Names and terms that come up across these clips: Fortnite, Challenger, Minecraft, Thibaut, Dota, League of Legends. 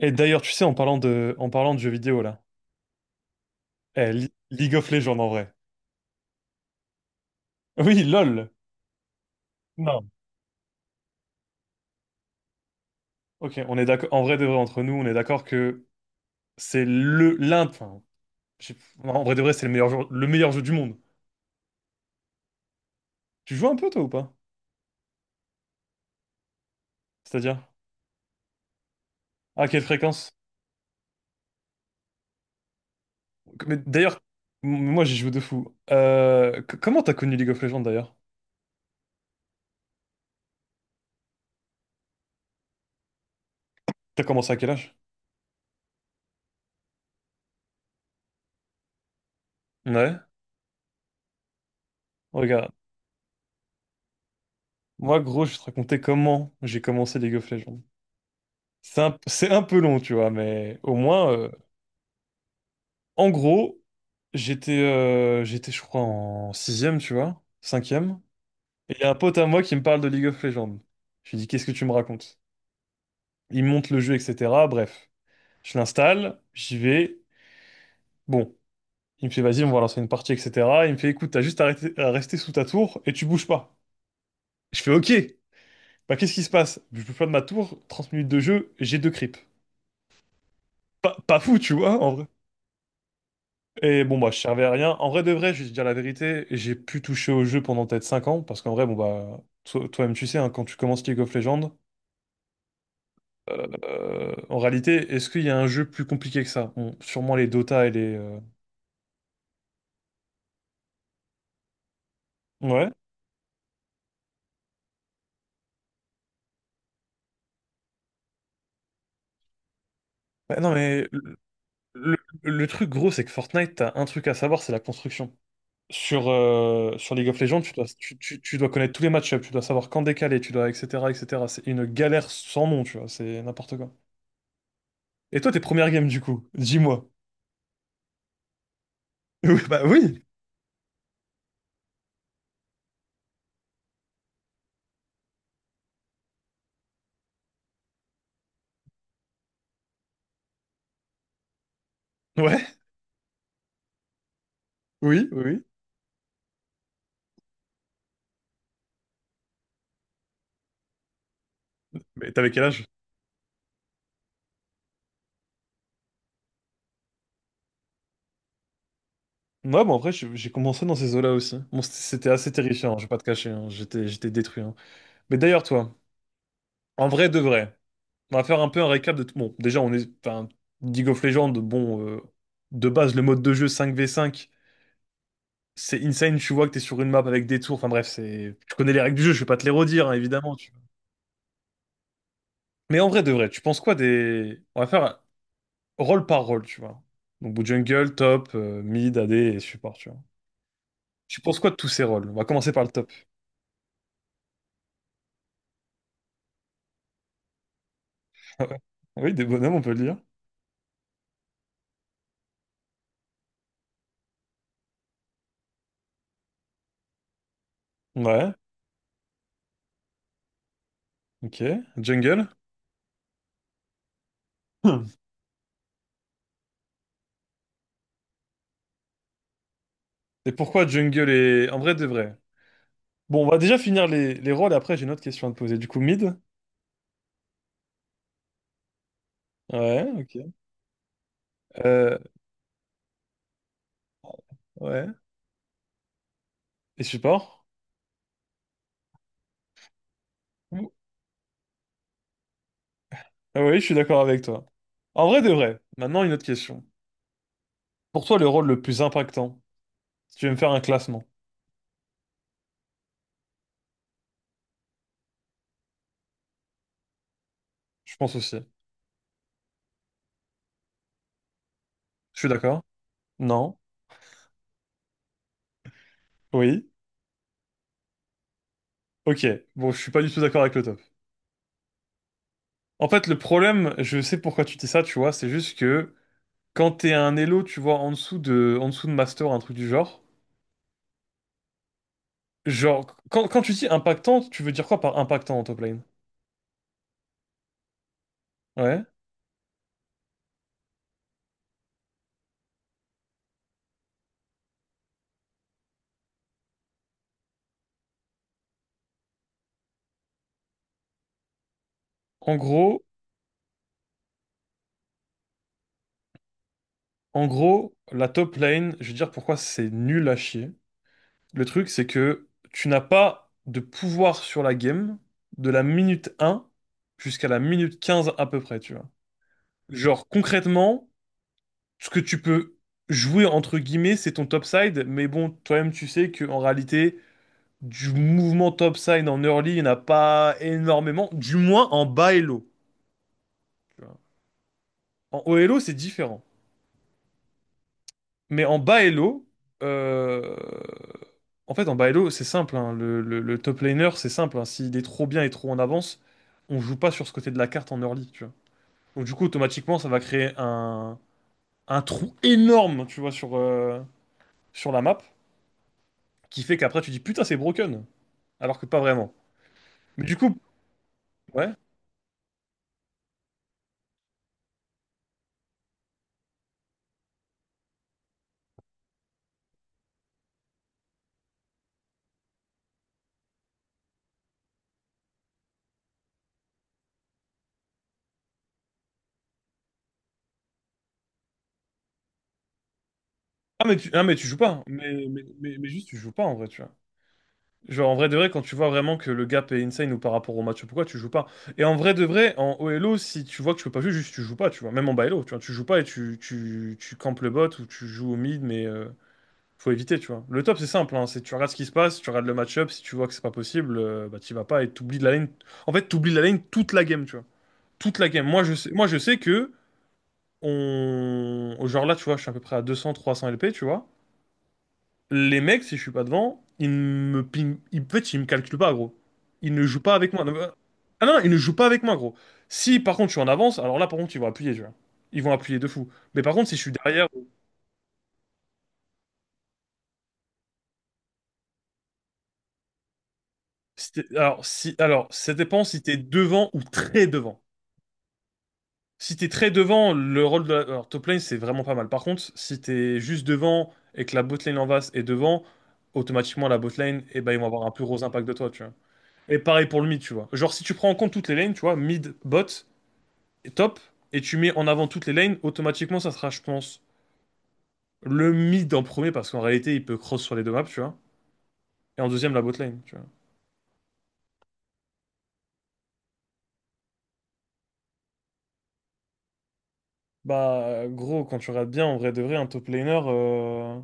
Et d'ailleurs, tu sais, en parlant de jeux vidéo, là, League of Legends en vrai. Oui, LOL. Non. Ok, on est d'accord. En vrai de vrai, entre nous, on est d'accord que c'est le l'un. Enfin, je- en vrai de vrai, c'est le meilleur jeu du monde. Tu joues un peu toi ou pas? C'est-à-dire? À quelle fréquence? Mais d'ailleurs, moi j'y joue de fou. Comment t'as connu League of Legends d'ailleurs? T'as commencé à quel âge? Ouais. Regarde, moi gros, je vais te raconter comment j'ai commencé League of Legends. C'est un peu long, tu vois, mais au moins, en gros, j'étais, je crois, en sixième, tu vois, cinquième. Et il y a un pote à moi qui me parle de League of Legends. Je lui dis, qu'est-ce que tu me racontes? Il me monte le jeu, etc. Bref, je l'installe, j'y vais. Bon, il me fait, vas-y, on va lancer une partie, etc. Il me fait, écoute, t'as juste à, à rester sous ta tour et tu bouges pas. Je fais, ok. Bah, qu'est-ce qui se passe? Je bouge pas de ma tour, 30 minutes de jeu, j'ai deux creeps. Pas, pas fou, tu vois, en vrai. Et bon, bah, je servais à rien. En vrai de vrai, je vais te dire la vérité, j'ai pu toucher au jeu pendant peut-être 5 ans, parce qu'en vrai, bon, bah, toi-même, tu sais, hein, quand tu commences League of Legends, en réalité, est-ce qu'il y a un jeu plus compliqué que ça? Bon, sûrement les Dota et les. Ouais. Bah, non, mais le- le truc gros, c'est que Fortnite, t'as un truc à savoir, c'est la construction. Sur League of Legends, tu dois, tu dois connaître tous les match tu dois savoir quand décaler, tu dois, etc., etc. C'est une galère sans nom, tu vois, c'est n'importe quoi. Et toi, tes premières games, du coup, dis-moi. Oui, bah oui. Ouais, oui, oui, oui. Mais t'avais quel âge? Ouais, bon, après, j'ai commencé dans ces eaux-là aussi. Bon, c'était assez terrifiant, hein, je vais pas te cacher, hein. J'étais détruit, hein. Mais d'ailleurs, toi, en vrai de vrai, on va faire un peu un récap de tout. Bon, déjà, on est. Enfin, League of Legends, bon, de base, le mode de jeu 5v5, c'est insane. Tu vois que t'es sur une map avec des tours. Enfin, bref, c'est. Tu connais les règles du jeu, je vais pas te les redire, hein, évidemment. Tu Mais en vrai de vrai, tu penses quoi des. On va faire rôle par rôle, tu vois. Donc, jungle, top, mid, AD et support, tu vois. Tu penses quoi de tous ces rôles? On va commencer par le top. Oui, des bonhommes, on peut le dire. Ouais, ok. Jungle. Hmm. Et pourquoi jungle est... En vrai, de vrai. Bon, on va déjà finir les rôles, après j'ai une autre question à te poser. Du coup, mid. Ouais, ok. Euh, ouais. Et support? Ouh. Ah oui, je suis d'accord avec toi. En vrai, de vrai. Maintenant, une autre question. Pour toi, le rôle le plus impactant, si tu veux me faire un classement, je pense aussi. Je suis d'accord? Non? Oui? Ok. Bon, je suis pas du tout d'accord avec le top. En fait, le problème, je sais pourquoi tu dis ça, tu vois, c'est juste que quand t'es un elo, tu vois, en dessous de master, un truc du genre, genre, quand tu dis impactant, tu veux dire quoi par impactant en top lane? Ouais. En gros, en gros, la top lane, je vais dire pourquoi c'est nul à chier. Le truc, c'est que tu n'as pas de pouvoir sur la game de la minute un jusqu'à la minute 15 à peu près, tu vois. Genre, concrètement, ce que tu peux jouer entre guillemets, c'est ton topside, mais bon, toi-même tu sais qu'en réalité, du mouvement topside en early, il n'y en a pas énormément, du moins en bas elo, tu vois. En haut elo, c'est différent. Mais en bas elo, euh, en fait, en bas elo, c'est simple, hein, le top laner, c'est simple, hein, s'il est trop bien et trop en avance, on joue pas sur ce côté de la carte en early, tu vois. Donc du coup, automatiquement, ça va créer un trou énorme, tu vois, sur la map, qui fait qu'après tu dis putain, c'est broken. Alors que pas vraiment. Mais du coup, ouais. Ah, mais tu joues pas, hein. Mais juste, tu joues pas en vrai, tu vois. Genre, en vrai de vrai, quand tu vois vraiment que le gap est insane ou par rapport au match, pourquoi tu joues pas? Et en vrai de vrai, en OLO, si tu vois que tu peux pas jouer, juste tu joues pas, tu vois. Même en ByLo, tu vois, tu joues pas et tu campes le bot ou tu joues au mid, mais faut éviter, tu vois. Le top, c'est simple, hein, c'est tu regardes ce qui se passe, tu regardes le match-up, si tu vois que c'est pas possible, bah t'y vas pas et t'oublies de la lane. En fait, t'oublies de la lane toute la game, tu vois. Toute la game. Moi, je sais que. On... Genre là, tu vois, je suis à peu près à 200-300 LP, tu vois. Les mecs, si je suis pas devant, ils me ping... Ils... En fait, ils me calculent pas, gros. Ils ne jouent pas avec moi. Ah non, ils ne jouent pas avec moi, gros. Si, par contre, je suis en avance, alors là, par contre, ils vont appuyer, tu vois. Ils vont appuyer de fou. Mais par contre, si je suis derrière... si t'es- Alors, si... alors, ça dépend si t'es devant ou très devant. Si t'es très devant, le rôle de la... alors, top lane, c'est vraiment pas mal. Par contre, si t'es juste devant et que la bot lane en face est devant, automatiquement, la bot lane, eh ben, ils vont avoir un plus gros impact de toi, tu vois. Et pareil pour le mid, tu vois. Genre, si tu prends en compte toutes les lanes, tu vois, mid, bot, et top, et tu mets en avant toutes les lanes, automatiquement, ça sera, je pense, le mid en premier, parce qu'en réalité, il peut cross sur les deux maps, tu vois. Et en deuxième, la bot lane, tu vois. Bah, gros, quand tu regardes bien, en vrai de vrai, un top laner,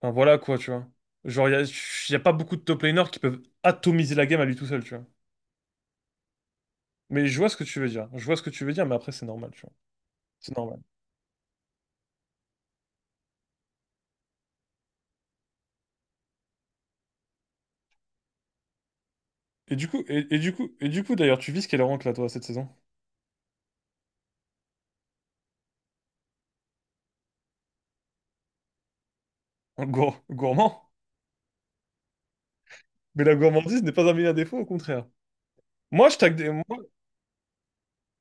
enfin, voilà quoi, tu vois. Genre, y a pas beaucoup de top laners qui peuvent atomiser la game à lui tout seul, tu vois. Mais je vois ce que tu veux dire. Je vois ce que tu veux dire, mais après, c'est normal, tu vois. C'est normal. Et du coup, d'ailleurs, tu vis quel rank là, toi, cette saison? Gourmand? Mais la gourmandise n'est pas un meilleur défaut, au contraire. Moi, je tag des... Moi,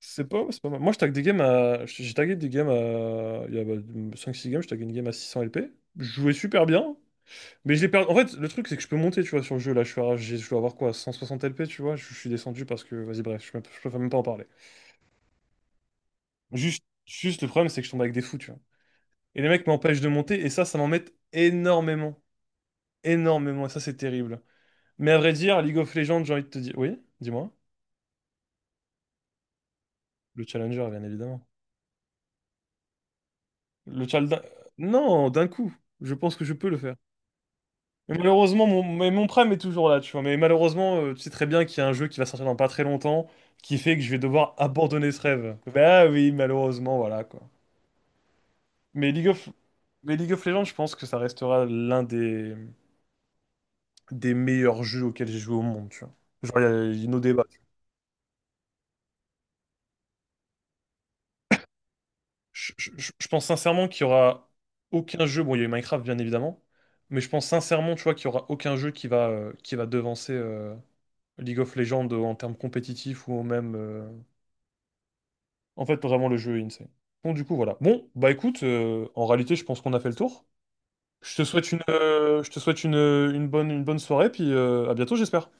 c'est pas mal. Moi, je tag des games à... J'ai tagué des games à... Il y a bah, cinq six games, je tagué une game à 600 LP. Je jouais super bien, mais je l'ai perdu... En fait, le truc, c'est que je peux monter, tu vois, sur le jeu. Là, je suis à- j'ai- je dois avoir quoi, 160 LP, tu vois? Je suis descendu parce que... Vas-y, bref, je préfère même pas en parler. Juste le problème, c'est que je tombe avec des fous, tu vois. Et les mecs m'empêchent de monter, et ça m'embête énormément. Énormément, et ça, c'est terrible. Mais à vrai dire, League of Legends, j'ai envie de te dire... Oui, dis-moi. Le challenger, bien évidemment. Le Chalda... Non, d'un coup. Je pense que je peux le faire. Mais malheureusement, mon Prime est toujours là, tu vois. Mais malheureusement, tu sais très bien qu'il y a un jeu qui va sortir dans pas très longtemps, qui fait que je vais devoir abandonner ce rêve. Bah oui, malheureusement, voilà, quoi. Mais League of, mais League of Legends, je pense que ça restera l'un des meilleurs jeux auxquels j'ai joué au monde, tu vois. Genre, il y a nos débats. Je pense sincèrement qu'il y aura aucun jeu... Bon, il y a eu Minecraft, bien évidemment. Mais je pense sincèrement, tu vois, qu'il y aura aucun jeu qui va devancer... League of Legends en termes compétitifs ou même. En fait, vraiment, le jeu est insane. Bon, du coup, voilà. Bon, bah écoute, en réalité, je pense qu'on a fait le tour. Je te souhaite une, je te souhaite une bonne soirée, puis à bientôt, j'espère.